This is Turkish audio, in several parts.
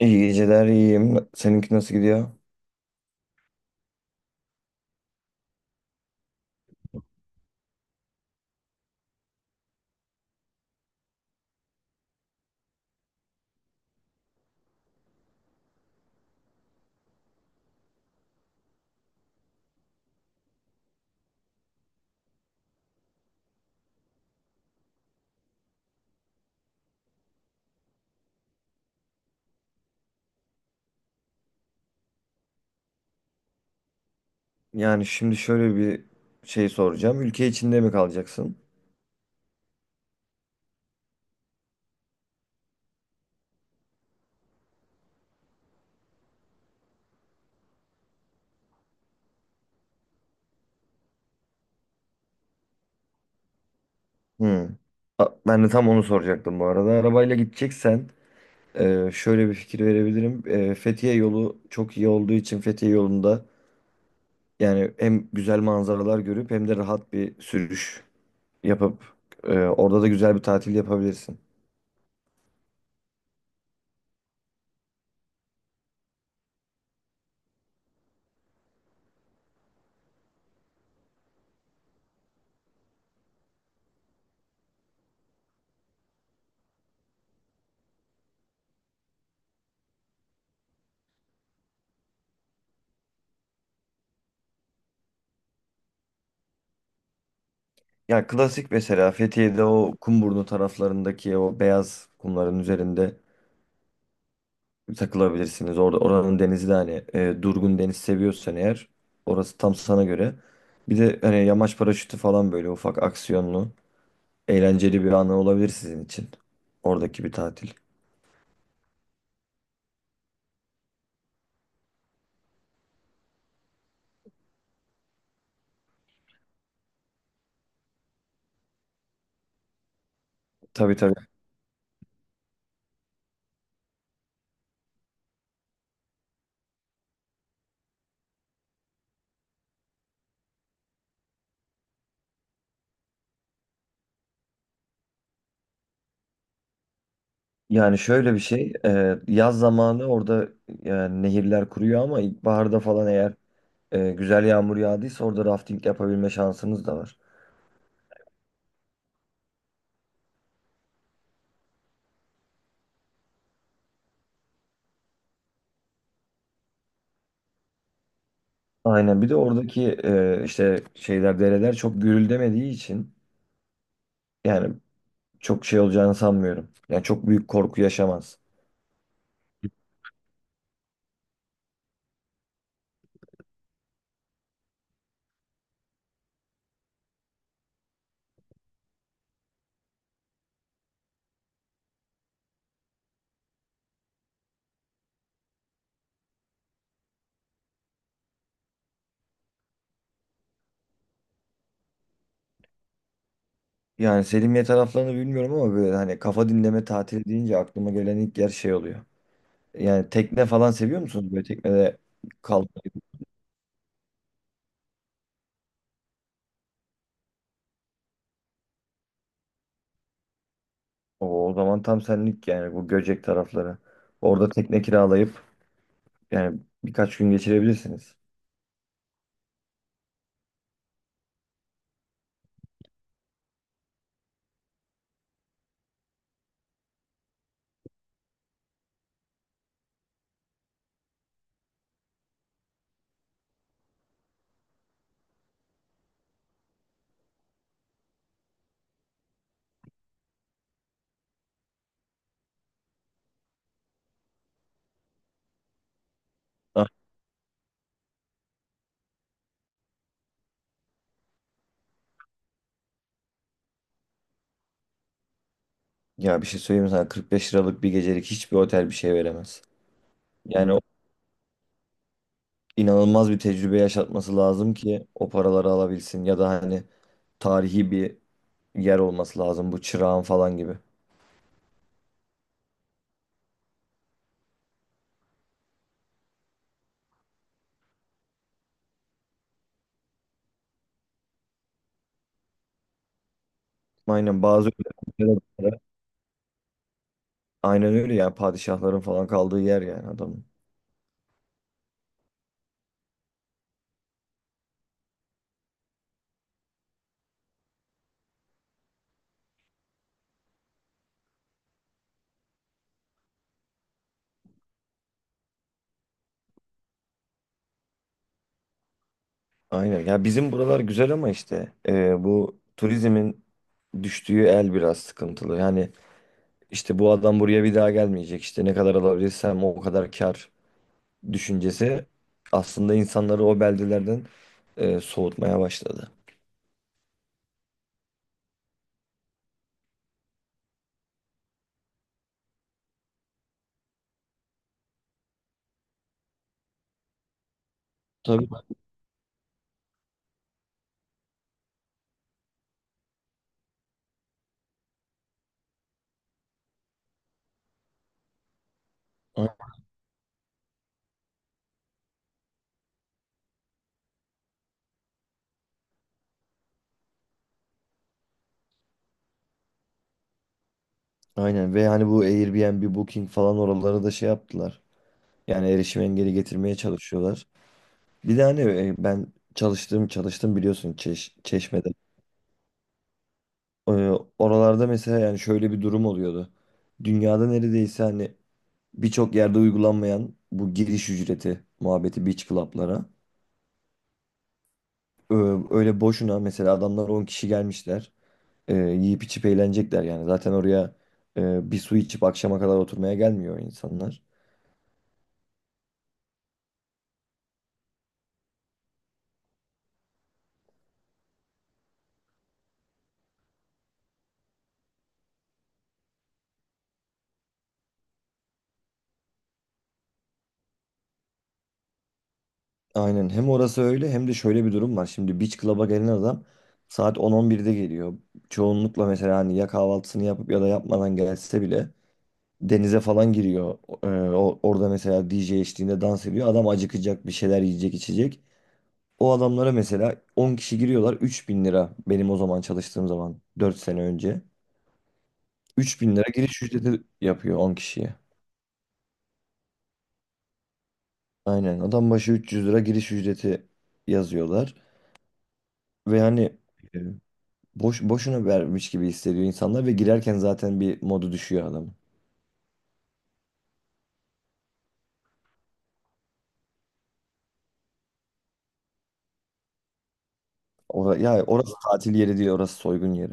İyi geceler, iyiyim. Seninki nasıl gidiyor? Yani şimdi şöyle bir şey soracağım. Ülke içinde mi kalacaksın? Hmm. Ben de tam onu soracaktım bu arada. Arabayla gideceksen şöyle bir fikir verebilirim. Fethiye yolu çok iyi olduğu için Fethiye yolunda yani hem güzel manzaralar görüp hem de rahat bir sürüş yapıp orada da güzel bir tatil yapabilirsin. Ya klasik mesela Fethiye'de o Kumburnu taraflarındaki o beyaz kumların üzerinde takılabilirsiniz. Orada oranın denizi de hani durgun deniz seviyorsan eğer orası tam sana göre. Bir de hani yamaç paraşütü falan böyle ufak aksiyonlu, eğlenceli bir anı olabilir sizin için. Oradaki bir tatil. Tabii, tabii. Yani şöyle bir şey, yaz zamanı orada yani nehirler kuruyor ama ilkbaharda falan eğer güzel yağmur yağdıysa orada rafting yapabilme şansınız da var. Aynen. Bir de oradaki işte şeyler dereler çok gürüldemediği için yani çok şey olacağını sanmıyorum. Yani çok büyük korku yaşamaz. Yani Selimiye taraflarını bilmiyorum ama böyle hani kafa dinleme tatili deyince aklıma gelen ilk yer şey oluyor. Yani tekne falan seviyor musunuz? Böyle teknede kalmayı. O zaman tam senlik yani bu Göcek tarafları. Orada tekne kiralayıp yani birkaç gün geçirebilirsiniz. Ah, ya bir şey söyleyeyim mi sana? 45 liralık bir gecelik hiçbir otel bir şey veremez. Yani o inanılmaz bir tecrübe yaşatması lazım ki o paraları alabilsin ya da hani tarihi bir yer olması lazım, bu çırağın falan gibi. Aynen ülkelerde- aynen öyle yani, padişahların falan kaldığı yer yani adamın. Aynen, ya bizim buralar güzel ama işte bu turizmin düştüğü el biraz sıkıntılı. Yani işte bu adam buraya bir daha gelmeyecek, işte ne kadar alabilirsem o kadar kar düşüncesi aslında insanları o beldelerden soğutmaya başladı. Tabii. A- Aynen, ve hani bu Airbnb, Booking falan oraları da şey yaptılar. Yani erişim engeli getirmeye çalışıyorlar. Bir de hani ben çalıştım çalıştım biliyorsun Çeşme'de. Ee, Oralarda mesela yani şöyle bir durum oluyordu. Dünyada neredeyse hani birçok yerde uygulanmayan bu giriş ücreti muhabbeti beach club'lara. Ee, Öyle boşuna mesela adamlar 10 kişi gelmişler. Yiyip içip eğlenecekler yani. Zaten oraya bir su içip akşama kadar oturmaya gelmiyor insanlar. Aynen, hem orası öyle hem de şöyle bir durum var. Şimdi Beach Club'a gelen adam saat 10-11'de geliyor. Çoğunlukla mesela hani ya kahvaltısını yapıp ya da yapmadan gelse bile denize falan giriyor. Orada mesela DJ eşliğinde dans ediyor. Adam acıkacak, bir şeyler yiyecek içecek. O adamlara mesela 10 kişi giriyorlar, 3.000 lira benim o zaman çalıştığım zaman, 4 sene önce. Üç bin lira giriş ücreti yapıyor 10 kişiye. Aynen adam başı 300 lira giriş ücreti yazıyorlar. Ve hani boş boşuna vermiş gibi hissediyor insanlar ve girerken zaten bir modu düşüyor adamın. Ya orası tatil yeri değil, orası soygun yeri.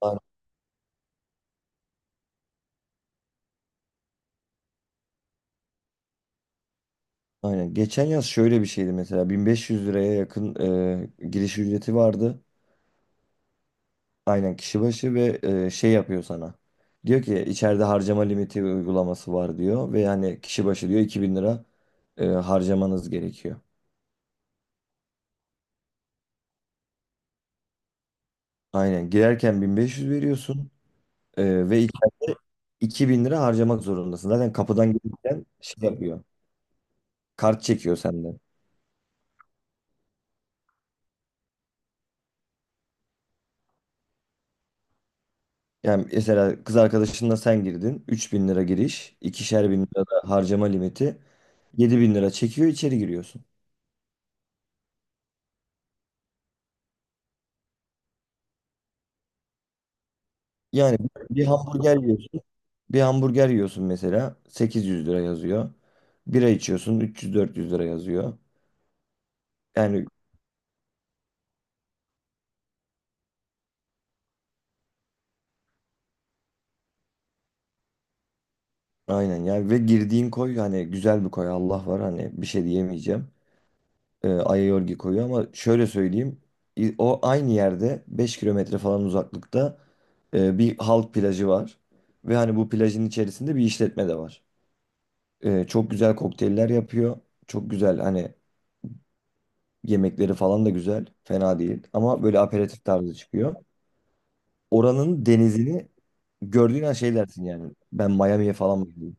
Aynen. Aynen. Geçen yaz şöyle bir şeydi mesela, 1500 liraya yakın giriş ücreti vardı. Aynen kişi başı ve şey yapıyor sana. Diyor ki içeride harcama limiti uygulaması var diyor ve yani kişi başı diyor 2.000 lira harcamanız gerekiyor. Aynen girerken 1500 veriyorsun ve 2000 lira harcamak zorundasın. Zaten kapıdan gelirken şey yapıyor. Kart çekiyor senden. Yani mesela kız arkadaşınla sen girdin. Üç bin lira giriş, 2.000'er lira da harcama limiti. Yedi bin lira çekiyor, içeri giriyorsun. Yani bir hamburger yiyorsun. Bir hamburger yiyorsun mesela, 800 lira yazıyor. Bira içiyorsun, 300 400 lira yazıyor. Yani aynen yani, ve girdiğin koy hani güzel bir koy, Allah var hani, bir şey diyemeyeceğim. Aerogel koyuyor ama şöyle söyleyeyim, o aynı yerde 5 km falan uzaklıkta bir halk plajı var ve hani bu plajın içerisinde bir işletme de var. Çok güzel kokteyller yapıyor. Çok güzel hani, yemekleri falan da güzel. Fena değil ama böyle aperatif tarzı çıkıyor. Oranın denizini gördüğün an şey dersin yani, ben Miami'ye falan mı gidiyorum?